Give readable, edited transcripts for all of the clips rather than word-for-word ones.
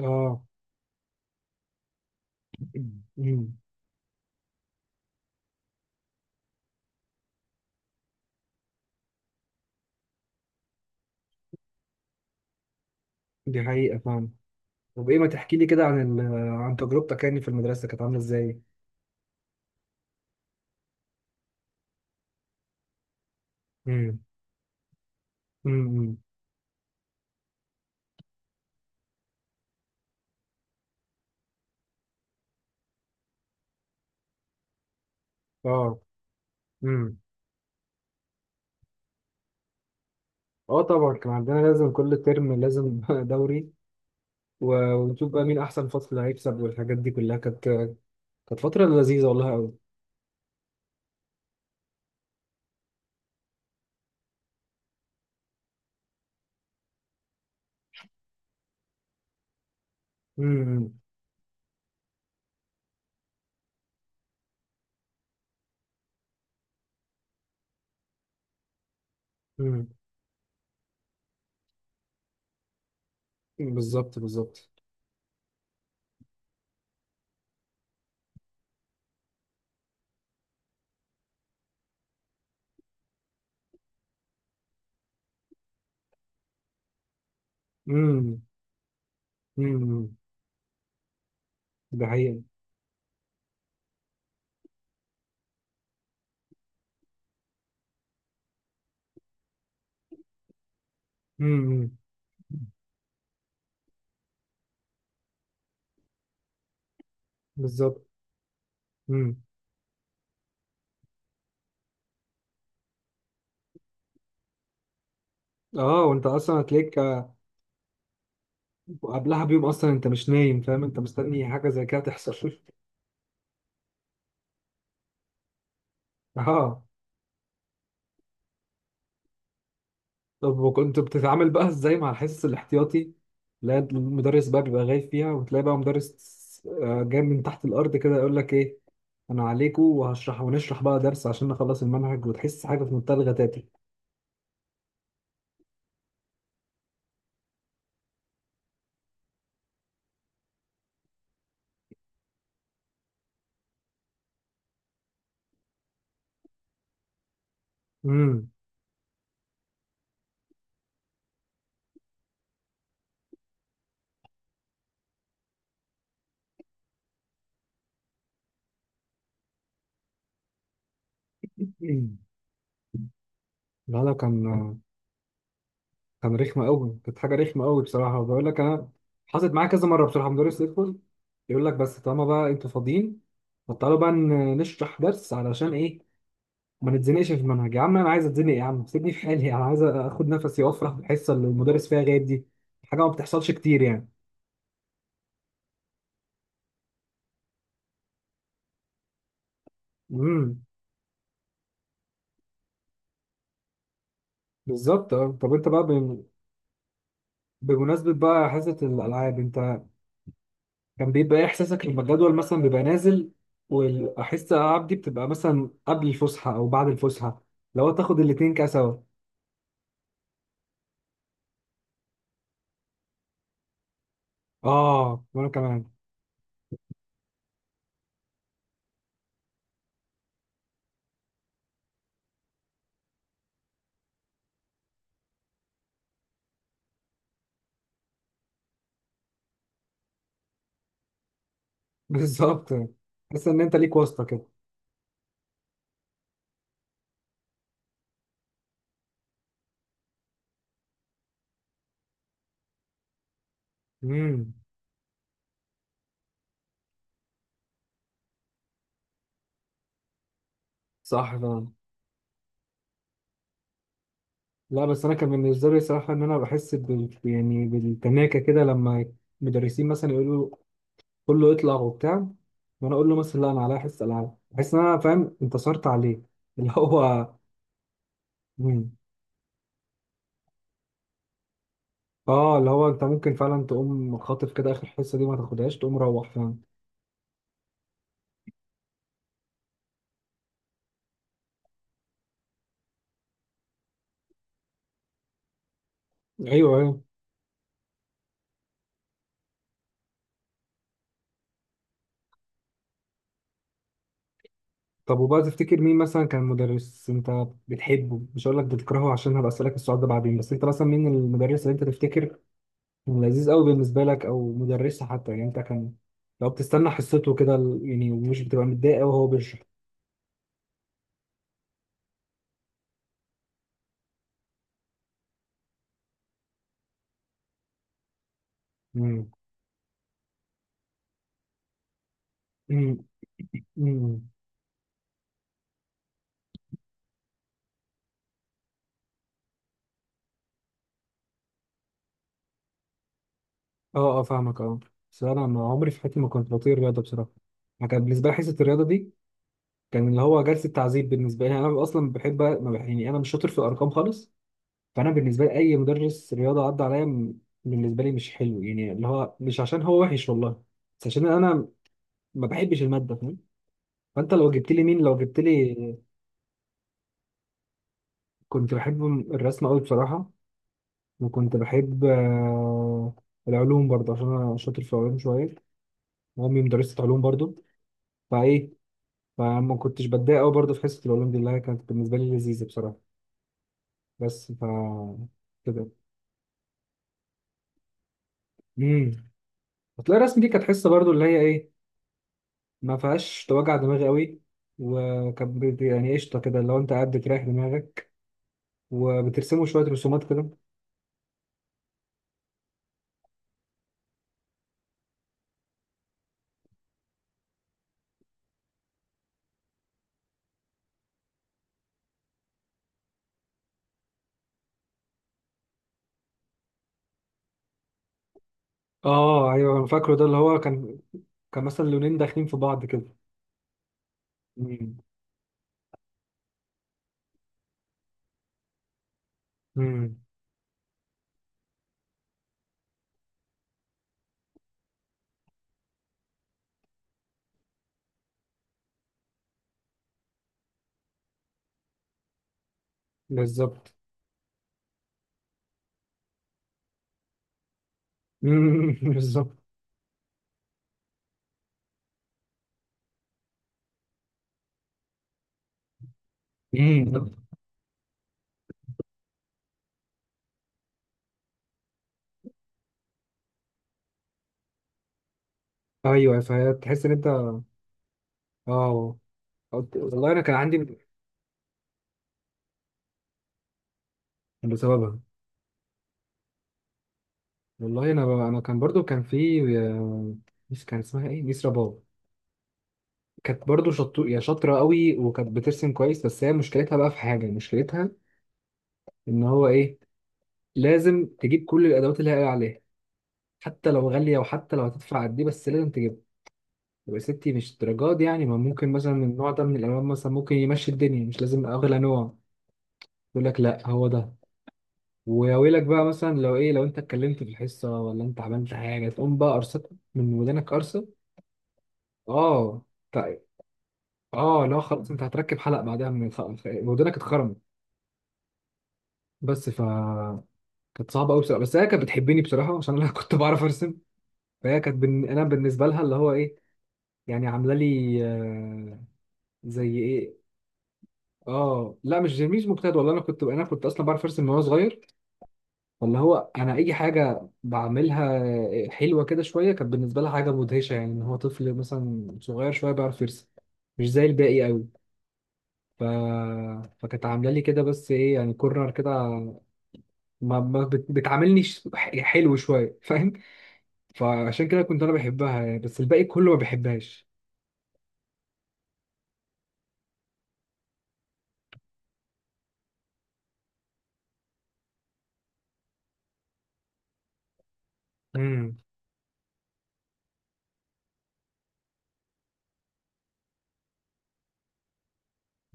اه. أمم. دي حقيقة فعلا. طب ايه ما تحكي لي كده عن عن تجربتك يعني في المدرسة كانت عاملة ازاي؟ امم. امم. اه. امم. اه، طبعا كان عندنا لازم كل ترم لازم دوري و... ونشوف بقى مين احسن فصل هيكسب، والحاجات دي كلها كانت فترة لذيذة والله قوي. امم. امم. بالظبط، بالظبط. امم. امم. ده حقيقة. امم. بالظبط. امم. اه، وانت اصلا هتلاقيك، وقبلها بيوم اصلا انت مش نايم، فاهم؟ انت مستني حاجه زي كده تحصل. اه. طب وكنت بتتعامل بقى ازاي مع الحصص الاحتياطي؟ لا، المدرس بقى بيبقى غايب فيها، وتلاقي بقى مدرس جاي من تحت الارض كده، يقول لك ايه؟ انا عليكم وهشرح، ونشرح بقى درس عشان نخلص المنهج، وتحس حاجه في منتهى الغتاتة. امم. لا، لا. كان رخمة قوي. كانت حاجة رخمة قوي بصراحة، وبقول لك أنا حصلت معايا كذا مرة بصراحة. مدرس يدخل يقول لك بس طالما بقى أنتوا فاضيين، فتعالوا بقى نشرح درس علشان إيه؟ ما نتزنقش في المنهج. يا عم أنا عايز أتزنق. يا عم سيبني في حالي، أنا عايز آخد نفسي وأفرح بالحصة اللي المدرس فيها غايب دي. حاجة ما بتحصلش كتير يعني. امم. بالظبط. أه. طب أنت بقى بمناسبة بقى حصة الألعاب، أنت كان بيبقى ايه احساسك لما الجدول مثلا بيبقى نازل، والحصه الالعاب دي بتبقى مثلا قبل الفسحه او بعد الفسحه؟ لو تاخد الاتنين كده سوا. اه وانا كمان. بالظبط. تحس ان انت ليك واسطه كده. امم. صح فعلا. لا بس انا كان بالنسبه لي صراحه ان انا بحس بال يعني بالتناكه كده لما مدرسين مثلا يقولوا كله يطلع وبتاع، وانا اقول له مثلا لا انا عليا حصه العاب. بحس ان انا، فاهم، انتصرت عليه اللي هو. مم. اه، اللي هو انت ممكن فعلا تقوم خاطف كده اخر حصه دي ما تاخدهاش، تقوم روح فعلا. ايوه، ايوه. طب وبقى تفتكر مين مثلا كان مدرس انت بتحبه؟ مش هقول لك بتكرهه عشان هبقى اسالك السؤال ده بعدين، بس انت مثلا مين المدرس اللي انت تفتكر كان لذيذ قوي بالنسبه لك؟ او مدرسه حتى يعني، انت كان لو بتستنى حصته كده يعني، ومش بتبقى متضايق قوي وهو بيشرح. امم. امم. امم. اه، اه، فاهمك. اه بس انا ما عمري في حياتي ما كنت بطير رياضه بصراحه. انا كان بالنسبه لي حصه الرياضه دي كان اللي هو جلسه تعذيب بالنسبه لي. انا اصلا بحب ما يعني انا مش شاطر في الارقام خالص. فانا بالنسبه لي اي مدرس رياضه عدى عليا بالنسبه لي مش حلو يعني. اللي هو مش عشان هو وحش والله، بس عشان انا ما بحبش الماده، فاهم؟ فانت لو جبت لي مين، لو جبت لي، كنت بحب الرسم قوي بصراحه. وكنت بحب العلوم برضه عشان انا شاطر في العلوم شويه، وامي مدرسه علوم برضه. فايه، فما كنتش بتضايق قوي برضه في حصه العلوم دي اللي هي كانت بالنسبه لي لذيذه بصراحه. بس ف كده. امم. هتلاقي الرسم دي كانت حصه برضو اللي هي ايه، ما فيهاش توجع دماغ قوي. وكان يعني قشطه كده، لو انت قاعد بتريح دماغك وبترسموا شويه رسومات كده. اه، ايوه انا فاكره ده، اللي هو كان، كان مثلا لونين داخلين في بعض كده. امم. امم. بالظبط. امم. بالظبط. امم. ايوه، فتحس ان انت اه والله انا كان عندي. بسببها. والله انا كان برضو كان في كان اسمها ايه؟ نسرة باب. كانت برضو يعني شاطرة قوي، وكانت بترسم كويس، بس هي مشكلتها بقى في حاجة. مشكلتها إن هو إيه؟ لازم تجيب كل الأدوات اللي هي قايلة عليها، حتى لو غالية، وحتى لو هتدفع قد إيه، بس لازم تجيبها. يبقى ستي، مش الدرجات دي يعني، ما ممكن مثلا النوع ده من الألوان مثلا ممكن يمشي الدنيا، مش لازم أغلى نوع. يقول لك لأ، هو ده. ويا ويلك بقى مثلا لو إيه، لو أنت اتكلمت في الحصة، ولا أنت عملت حاجة، تقوم بقى قرصتك من ودانك قرصة. آه. طيب. آه لا، خلاص أنت هتركب حلق بعدها، من ودانك اتخرمت. بس ف كانت صعبه قوي بصراحه، بس هي كانت بتحبني بصراحه عشان انا كنت بعرف ارسم. فهي كانت انا بالنسبه لها اللي هو ايه يعني، عامله لي زي ايه. اه لا، مش مجتهد والله. انا كنت اصلا بعرف ارسم من وانا صغير. واللي هو انا اي حاجه بعملها حلوه كده شويه كانت بالنسبه لها حاجه مدهشه يعني، ان هو طفل مثلا صغير شويه بيعرف يرسم مش زي الباقي قوي. ف... فكانت عامله لي كده، بس ايه، يعني كورنر كده، ما بتعاملني حلو شويه، فاهم؟ فعشان كده كنت انا بحبها يعني، بس الباقي كله ما بحبهاش. امم.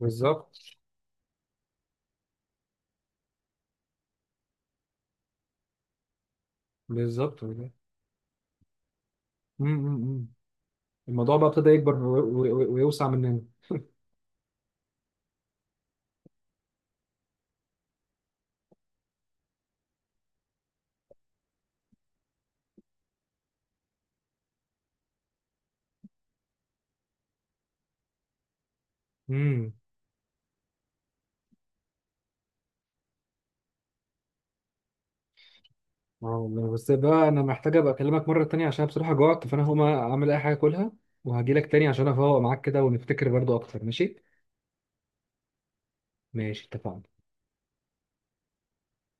بالظبط، بالظبط والله. امم. أمم، أمم. الموضوع بقى ابتدى يكبر ويوسع مننا. امم. اه، والله بس بقى انا محتاج ابقى اكلمك مره تانية عشان بصراحه جوعت، فانا هقوم اعمل اي حاجه اكلها، وهجيلك تاني عشان افوق معاك كده ونفتكر برضو اكتر. ماشي؟ ماشي، اتفقنا.